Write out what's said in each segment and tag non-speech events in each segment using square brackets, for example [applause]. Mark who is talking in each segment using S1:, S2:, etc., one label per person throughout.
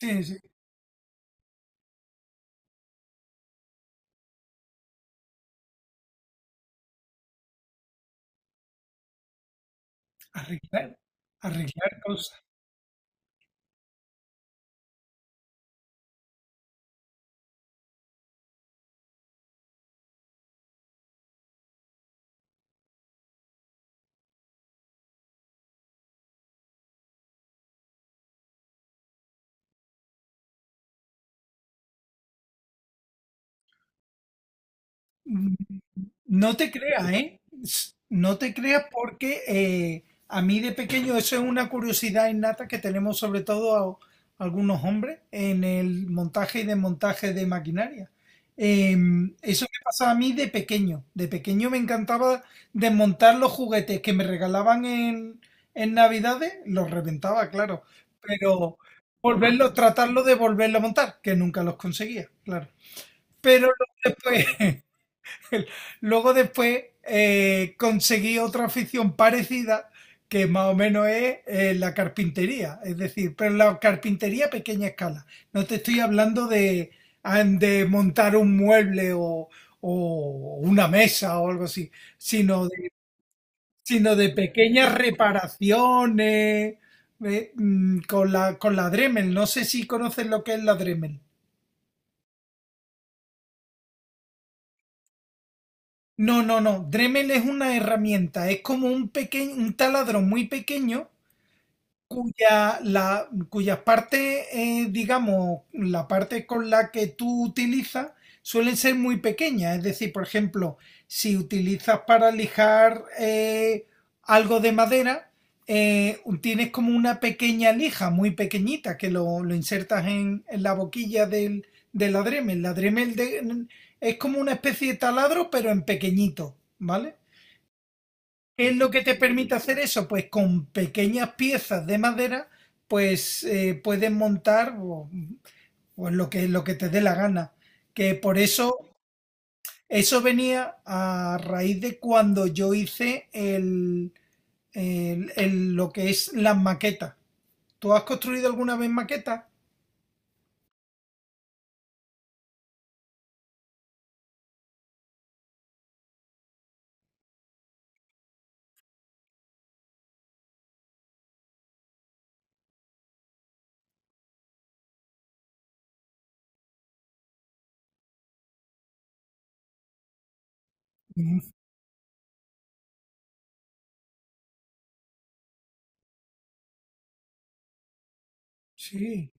S1: Sí, sí, arreglar, arreglar cosas. Mm, No te creas, ¿eh? No te creas porque a mí de pequeño eso es una curiosidad innata que tenemos sobre todo algunos hombres en el montaje y desmontaje de maquinaria. Eso me pasaba a mí de pequeño. De pequeño me encantaba desmontar los juguetes que me regalaban en Navidades, los reventaba, claro, pero volverlo tratarlo de volverlo a montar, que nunca los conseguía, claro. Pero luego después, [laughs] luego después conseguí otra afición parecida que más o menos es la carpintería, es decir, pero la carpintería a pequeña escala. No te estoy hablando de, de montar un mueble o una mesa o algo así, sino de, sino de pequeñas reparaciones con con la Dremel. No sé si conoces lo que es la Dremel. No, no, no. Dremel es una herramienta, es como un pequeño, un taladro muy pequeño cuya parte, digamos, la parte con la que tú utilizas suelen ser muy pequeñas. Es decir, por ejemplo, si utilizas para lijar algo de madera, tienes como una pequeña lija, muy pequeñita, que lo insertas en la boquilla del adreme. El adreme es como una especie de taladro, pero en pequeñito, ¿vale? ¿Qué es lo que te permite hacer eso? Pues con pequeñas piezas de madera, pues puedes pues, lo lo que te dé la gana. Que por eso, eso venía a raíz de cuando yo hice lo que es las maquetas. ¿Tú has construido alguna vez maquetas? Mm, Sí,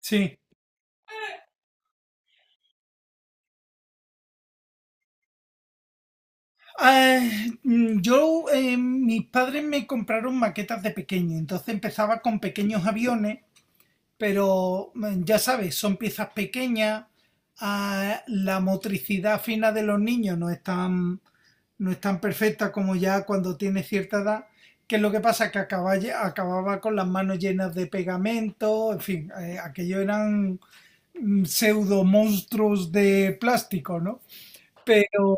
S1: sí. Ah, Mis padres me compraron maquetas de pequeño, entonces empezaba con pequeños aviones. Pero ya sabes, son piezas pequeñas, la motricidad fina de los niños no es no es tan perfecta como ya cuando tiene cierta edad, que es lo que pasa que acababa con las manos llenas de pegamento, en fin, aquello eran pseudo monstruos de plástico, ¿no? Pero,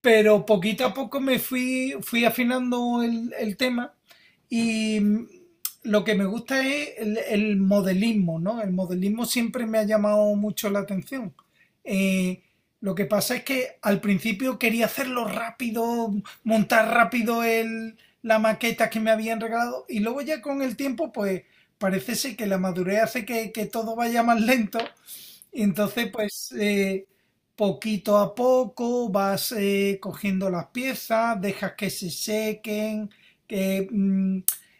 S1: pero poquito a poco me fui afinando el tema y lo que me gusta es el modelismo, ¿no? El modelismo siempre me ha llamado mucho la atención. Eh, lo que pasa es que al principio quería hacerlo rápido, montar rápido la maqueta que me habían regalado y luego ya con el tiempo pues parece ser que la madurez hace que todo vaya más lento. Entonces, pues poquito a poco vas cogiendo las piezas, dejas que se sequen, que mm,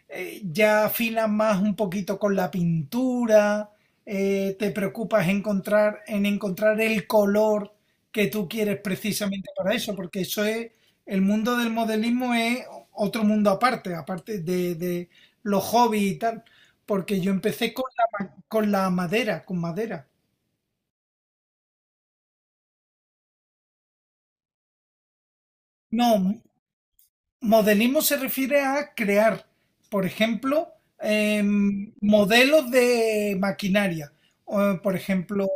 S1: eh, ya afilas más un poquito con la pintura. Te preocupas encontrar el color que tú quieres precisamente para eso, porque eso es, el mundo del modelismo es otro mundo aparte, aparte de los hobbies y tal, porque yo empecé con con la madera, con madera. No, modelismo se refiere a crear, por ejemplo, modelos de maquinaria, o,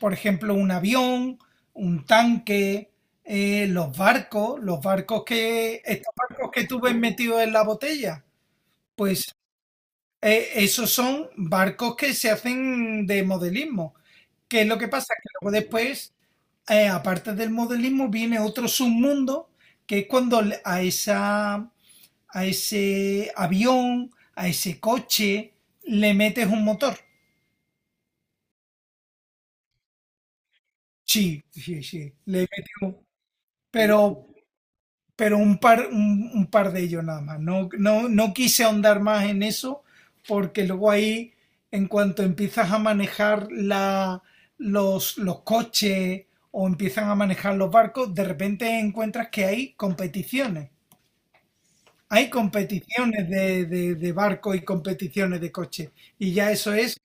S1: por ejemplo, un avión, un tanque, los barcos que, estos barcos que tú ves metidos en la botella, pues esos son barcos que se hacen de modelismo. ¿Qué es lo que pasa? Que luego después, aparte del modelismo, viene otro submundo, que es cuando a esa a ese avión, a ese coche, le metes un motor. Sí, sí, sí, le metes un. Pero, pero un par de ellos nada más. No, no, no quise ahondar más en eso porque luego ahí, en cuanto empiezas a manejar los coches o empiezan a manejar los barcos, de repente encuentras que hay competiciones. Hay competiciones de barco y competiciones de coche. Y ya eso es.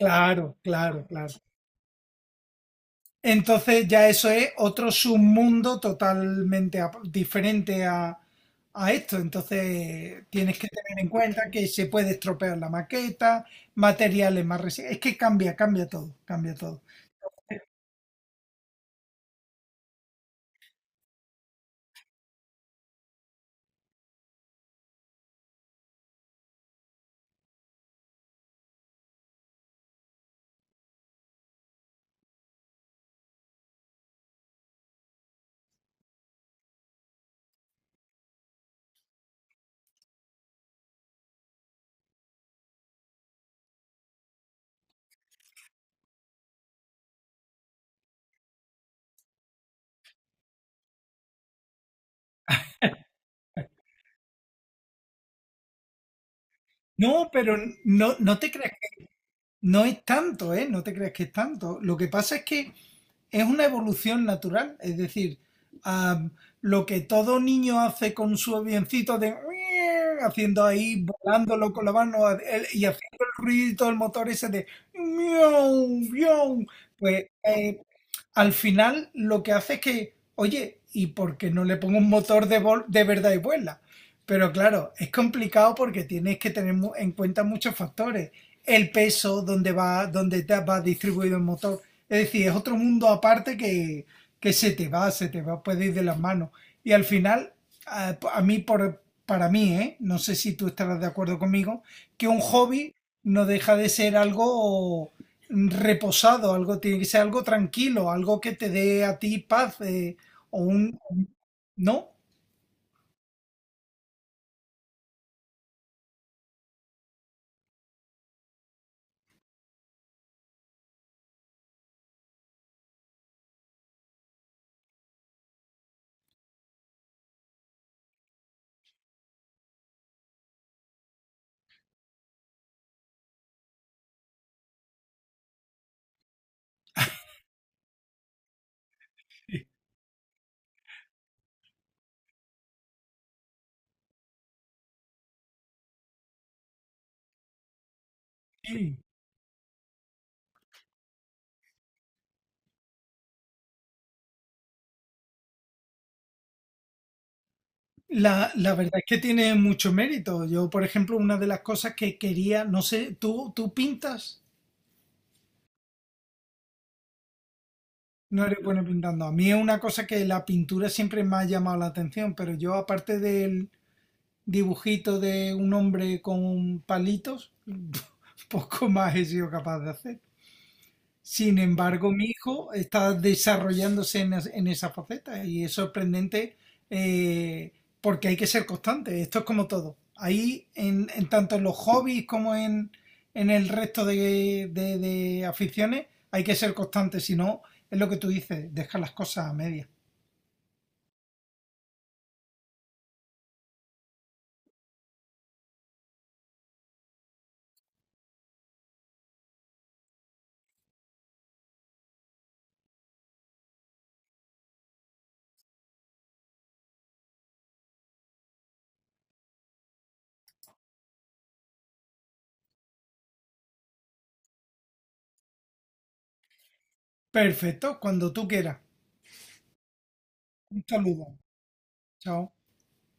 S1: Claro, claro, claro. Entonces ya eso es otro submundo totalmente diferente a esto. Entonces tienes que tener en cuenta que se puede estropear la maqueta, materiales más resistentes. Es que cambia, cambia todo, cambia todo. No, pero no, no te creas que no es tanto, ¿eh? No te creas que es tanto. Lo que pasa es que es una evolución natural. Es decir, ah, lo que todo niño hace con su avioncito de haciendo ahí, volándolo con la mano y haciendo el ruido del motor ese de miau, miau, pues al final lo que hace es que, oye, ¿y por qué no le pongo un motor de, de verdad y vuela? Pero claro, es complicado porque tienes que tener en cuenta muchos factores. El peso, dónde va, dónde te va distribuido el motor, es decir, es otro mundo aparte que se te se te va, puede ir de las manos. Y al final, a mí, para mí, ¿eh? No sé si tú estarás de acuerdo conmigo, que un hobby no deja de ser algo reposado, algo tiene que ser algo tranquilo, algo que te dé a ti paz, o un... ¿No? Sí. La verdad es que tiene mucho mérito. Yo, por ejemplo, una de las cosas que quería, no sé, ¿tú, tú pintas? No eres bueno pintando. A mí es una cosa que la pintura siempre me ha llamado la atención, pero yo aparte del dibujito de un hombre con palitos, [laughs] poco más he sido capaz de hacer. Sin embargo, mi hijo está desarrollándose en, en esa faceta y es sorprendente. eh, Porque hay que ser constante. Esto es como todo. Ahí, en tanto en los hobbies como en el resto de, de aficiones, hay que ser constante. Si no, es lo que tú dices, deja las cosas a medias. Perfecto, cuando tú quieras. Un saludo. Chao.